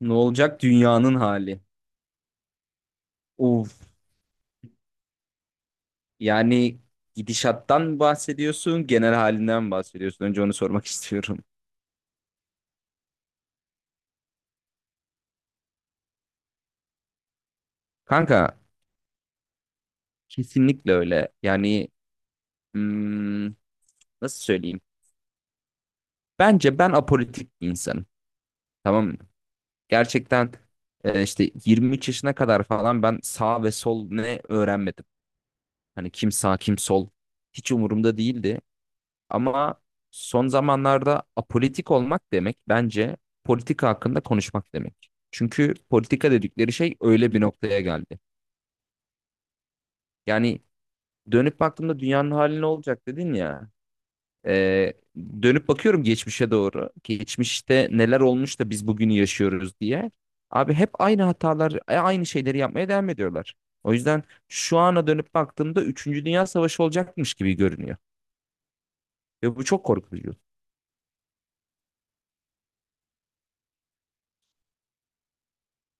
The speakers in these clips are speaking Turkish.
Ne olacak dünyanın hali? Of. Yani gidişattan bahsediyorsun, genel halinden mi bahsediyorsun? Önce onu sormak istiyorum. Kanka, kesinlikle öyle. Yani hmm, nasıl söyleyeyim? Bence ben apolitik bir insanım. Tamam mı? Gerçekten işte 23 yaşına kadar falan ben sağ ve sol ne öğrenmedim. Hani kim sağ kim sol hiç umurumda değildi. Ama son zamanlarda apolitik olmak demek bence politika hakkında konuşmak demek. Çünkü politika dedikleri şey öyle bir noktaya geldi. Yani dönüp baktığımda dünyanın hali ne olacak dedin ya. Ee, Dönüp bakıyorum geçmişe doğru. Geçmişte neler olmuş da biz bugünü yaşıyoruz diye. Abi hep aynı hatalar, aynı şeyleri yapmaya devam ediyorlar. O yüzden şu ana dönüp baktığımda üçüncü Dünya Savaşı olacakmış gibi görünüyor. Ve bu çok korkutucu.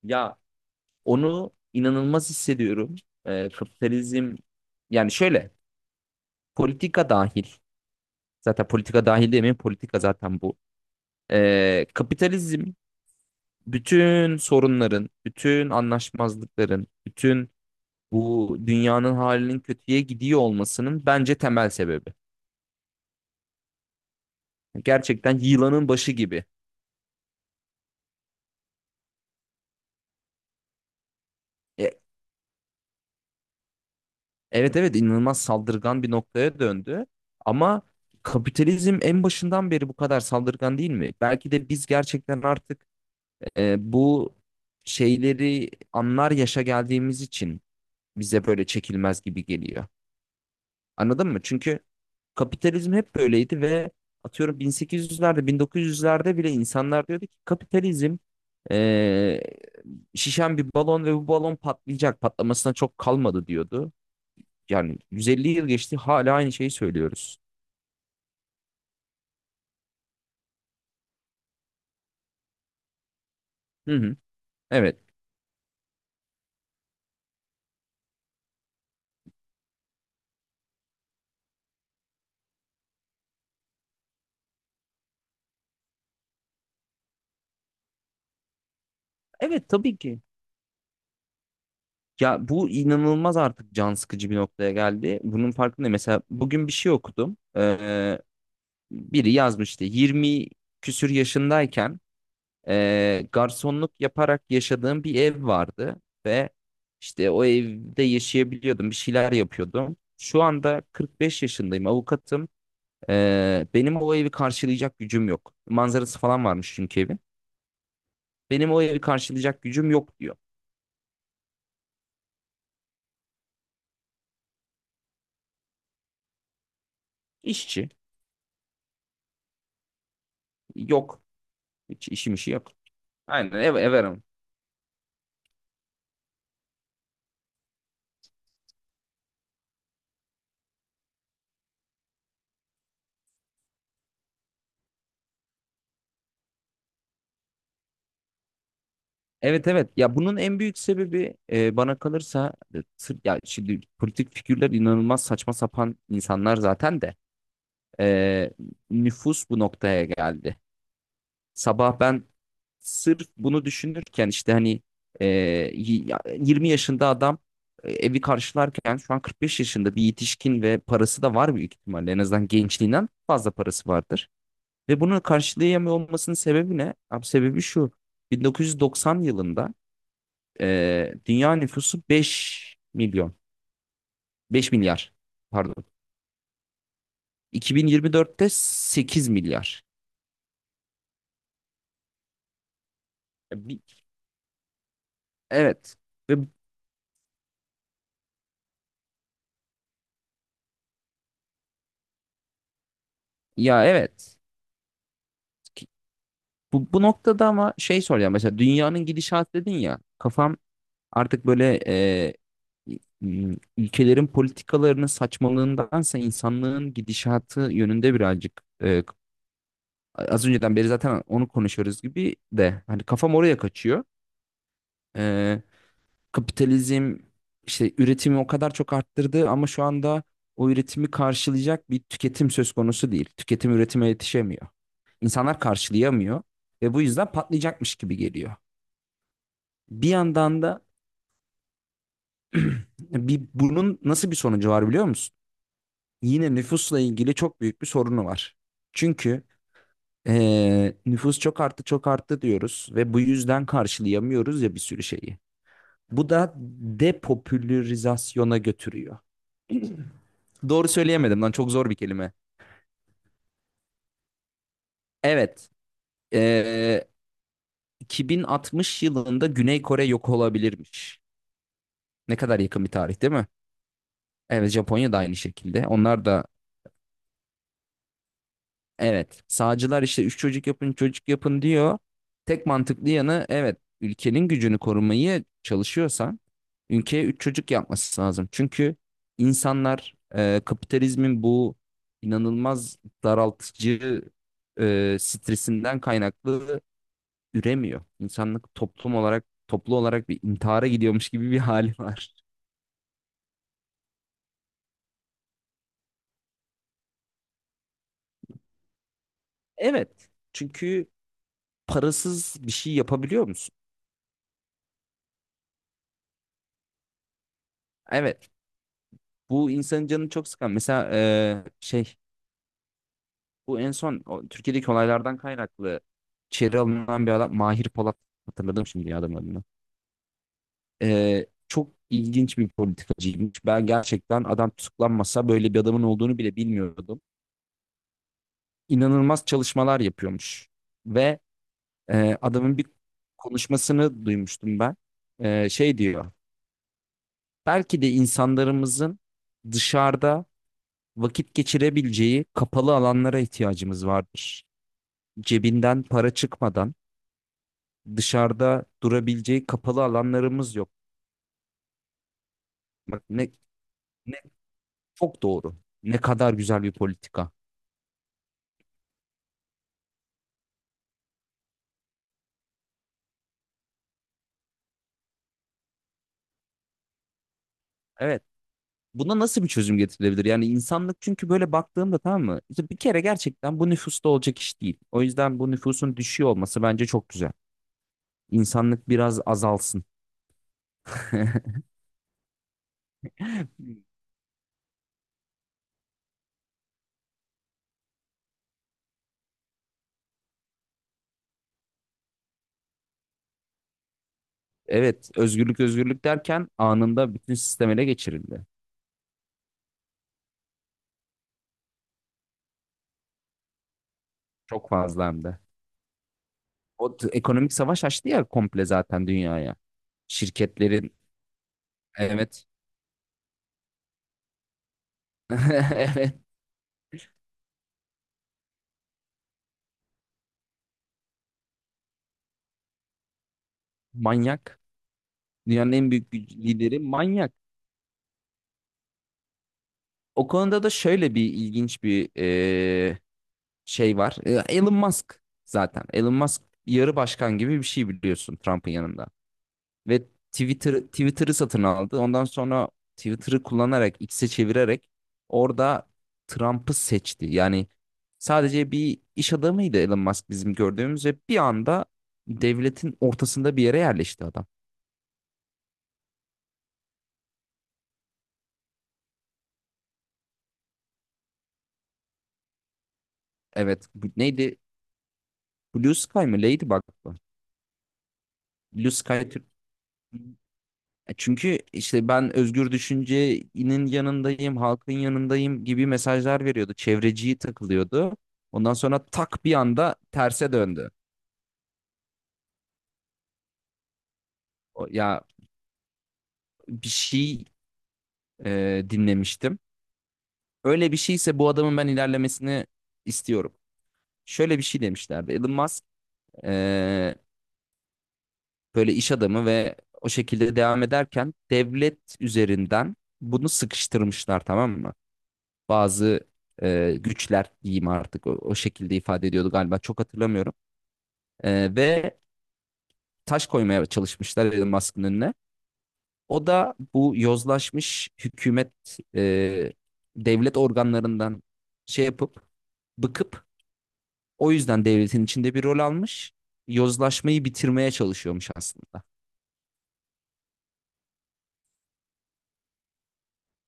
Ya onu inanılmaz hissediyorum. Kapitalizm yani şöyle politika dahil, zaten politika dahil demeyeyim, politika zaten bu. Kapitalizm bütün sorunların, bütün anlaşmazlıkların, bütün bu dünyanın halinin kötüye gidiyor olmasının bence temel sebebi. Gerçekten yılanın başı gibi. E, evet, evet, inanılmaz saldırgan bir noktaya döndü ama kapitalizm en başından beri bu kadar saldırgan değil mi? Belki de biz gerçekten artık bu şeyleri anlar yaşa geldiğimiz için bize böyle çekilmez gibi geliyor. Anladın mı? Çünkü kapitalizm hep böyleydi ve atıyorum 1800'lerde, 1900'lerde bile insanlar diyordu ki kapitalizm e, şişen bir balon ve bu balon patlayacak. Patlamasına çok kalmadı diyordu. Yani 150 yıl geçti hala aynı şeyi söylüyoruz. Hı hı. Evet. Evet, tabii ki. Ya bu inanılmaz artık can sıkıcı bir noktaya geldi. Bunun farkındayım. Mesela bugün bir şey okudum. Biri yazmıştı. 20 küsür yaşındayken garsonluk yaparak yaşadığım bir ev vardı ve işte o evde yaşayabiliyordum. Bir şeyler yapıyordum. Şu anda 45 yaşındayım, avukatım. Benim o evi karşılayacak gücüm yok. Manzarası falan varmış çünkü evin. Benim o evi karşılayacak gücüm yok diyor. İşçi yok. Hiç işi yok. Aynen everim. Evet, evet, ya bunun en büyük sebebi bana kalırsa ya şimdi politik figürler inanılmaz saçma sapan insanlar zaten de e, nüfus bu noktaya geldi. Sabah ben sırf bunu düşünürken işte hani e, 20 yaşında adam evi karşılarken şu an 45 yaşında bir yetişkin ve parası da var, büyük ihtimalle en azından gençliğinden fazla parası vardır. Ve bunu karşılayamıyor olmasının sebebi ne? Abi sebebi şu: 1990 yılında dünya nüfusu 5 milyon. 5 milyar. Pardon. 2024'te 8 milyar. Ya bi- Evet. Ve ya evet. Ki- bu noktada ama şey soracağım. Mesela dünyanın gidişatı dedin ya. Kafam artık böyle ülkelerin politikalarının saçmalığındansa insanlığın gidişatı yönünde birazcık, az önceden beri zaten onu konuşuyoruz gibi de, hani kafam oraya kaçıyor. Kapitalizm işte üretimi o kadar çok arttırdı ama şu anda o üretimi karşılayacak bir tüketim söz konusu değil. Tüketim üretime yetişemiyor. İnsanlar karşılayamıyor ve bu yüzden patlayacakmış gibi geliyor. Bir yandan da bunun nasıl bir sonucu var biliyor musun? Yine nüfusla ilgili çok büyük bir sorunu var. Çünkü nüfus çok arttı, çok arttı diyoruz ve bu yüzden karşılayamıyoruz ya bir sürü şeyi. Bu da depopülarizasyona götürüyor. Doğru söyleyemedim lan, çok zor bir kelime. Evet. Ee, 2060 yılında Güney Kore yok olabilirmiş. Ne kadar yakın bir tarih değil mi? Evet, Japonya da aynı şekilde. Onlar da evet. Sağcılar işte üç çocuk yapın, çocuk yapın diyor. Tek mantıklı yanı evet, ülkenin gücünü korumaya çalışıyorsan ülkeye üç çocuk yapması lazım. Çünkü insanlar kapitalizmin bu inanılmaz daraltıcı stresinden kaynaklı üremiyor. İnsanlık toplum olarak, toplu olarak bir intihara gidiyormuş gibi bir hali var. Evet. Çünkü parasız bir şey yapabiliyor musun? Evet. Bu insanın canını çok sıkan. Mesela bu en son o Türkiye'deki olaylardan kaynaklı içeri alınan bir adam Mahir Polat, hatırladım şimdi ya adamın adını. Çok ilginç bir politikacıymış. Ben gerçekten adam tutuklanmasa böyle bir adamın olduğunu bile bilmiyordum. İnanılmaz çalışmalar yapıyormuş ve adamın bir konuşmasını duymuştum ben. Şey diyor. Belki de insanlarımızın dışarıda vakit geçirebileceği kapalı alanlara ihtiyacımız vardır. Cebinden para çıkmadan dışarıda durabileceği kapalı alanlarımız yok. Bak ne ne Çok doğru. Ne kadar güzel bir politika. Evet. Buna nasıl bir çözüm getirilebilir? Yani insanlık, çünkü böyle baktığımda, tamam mı? İşte bir kere gerçekten bu nüfusta olacak iş değil. O yüzden bu nüfusun düşüyor olması bence çok güzel. İnsanlık biraz azalsın. Evet, özgürlük özgürlük derken anında bütün sistem ele geçirildi. Çok fazla hem de. Ekonomik savaş açtı ya komple zaten dünyaya. Şirketlerin, evet. Evet. Manyak. Dünyanın en büyük lideri manyak. O konuda da şöyle bir ilginç bir şey var. Elon Musk zaten. Elon Musk yarı başkan gibi bir şey, biliyorsun, Trump'ın yanında. Ve Twitter'ı satın aldı. Ondan sonra Twitter'ı kullanarak, X'e çevirerek orada Trump'ı seçti. Yani sadece bir iş adamıydı Elon Musk bizim gördüğümüz ve bir anda devletin ortasında bir yere yerleşti adam. Evet, bu neydi? Blue Sky mı? Ladybug mı? Blue Sky Çünkü işte ben özgür düşüncenin yanındayım, halkın yanındayım gibi mesajlar veriyordu. Çevreciyi takılıyordu. Ondan sonra tak bir anda terse döndü. Ya bir şey dinlemiştim. Öyle bir şeyse bu adamın ben ilerlemesini istiyorum. Şöyle bir şey demişlerdi. Elon Musk e, böyle iş adamı ve o şekilde devam ederken devlet üzerinden bunu sıkıştırmışlar, tamam mı? Bazı güçler diyeyim artık, o şekilde ifade ediyordu galiba, çok hatırlamıyorum. Ve taş koymaya çalışmışlar Elon Musk'ın önüne. O da bu yozlaşmış hükümet, e, devlet organlarından şey yapıp, bıkıp, o yüzden devletin içinde bir rol almış. Yozlaşmayı bitirmeye çalışıyormuş aslında.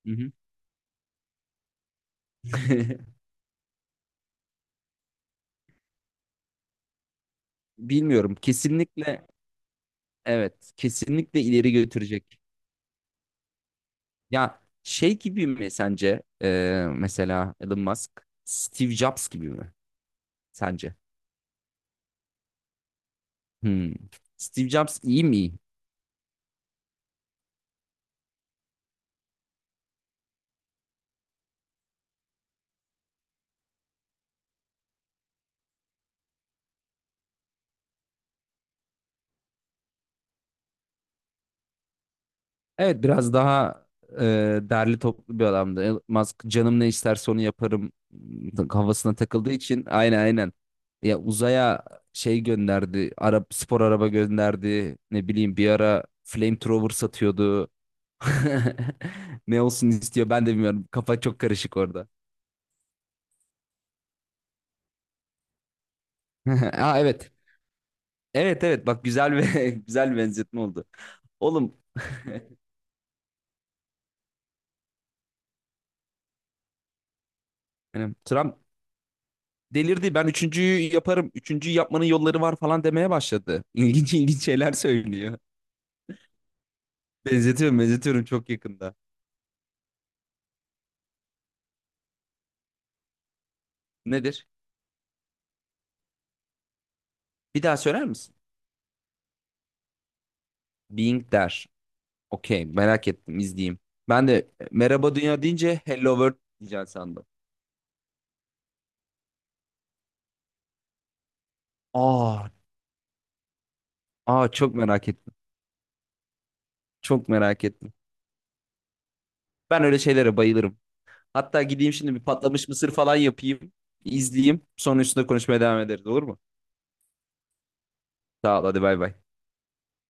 Hı hı. Bilmiyorum. Kesinlikle evet. Kesinlikle ileri götürecek. Ya şey gibi mi sence, mesela Elon Musk Steve Jobs gibi mi sence? Hmm. Steve Jobs iyi mi? Evet, biraz daha derli toplu bir adamdı. Elon Musk canım ne isterse onu yaparım kafasına takıldığı için, aynen, aynen. Ya uzaya şey gönderdi. Arap spor araba gönderdi. Ne bileyim, bir ara flamethrower satıyordu. Ne olsun istiyor ben de bilmiyorum. Kafa çok karışık orada. Aa, evet. Evet, evet, bak, güzel ve güzel bir benzetme oldu. Oğlum yani Trump delirdi. Ben üçüncüyü yaparım. Üçüncüyü yapmanın yolları var falan demeye başladı. İlginç ilginç şeyler söylüyor. Benzetiyorum, benzetiyorum çok yakında. Nedir? Bir daha söyler misin? Being der. Okey, merak ettim, izleyeyim. Ben de merhaba dünya deyince hello world diyeceksin sandım. Aa, aa, çok merak ettim. Çok merak ettim. Ben öyle şeylere bayılırım. Hatta gideyim şimdi bir patlamış mısır falan yapayım. İzleyeyim. Sonra üstüne konuşmaya devam ederiz, olur mu? Sağ ol, hadi bay bay.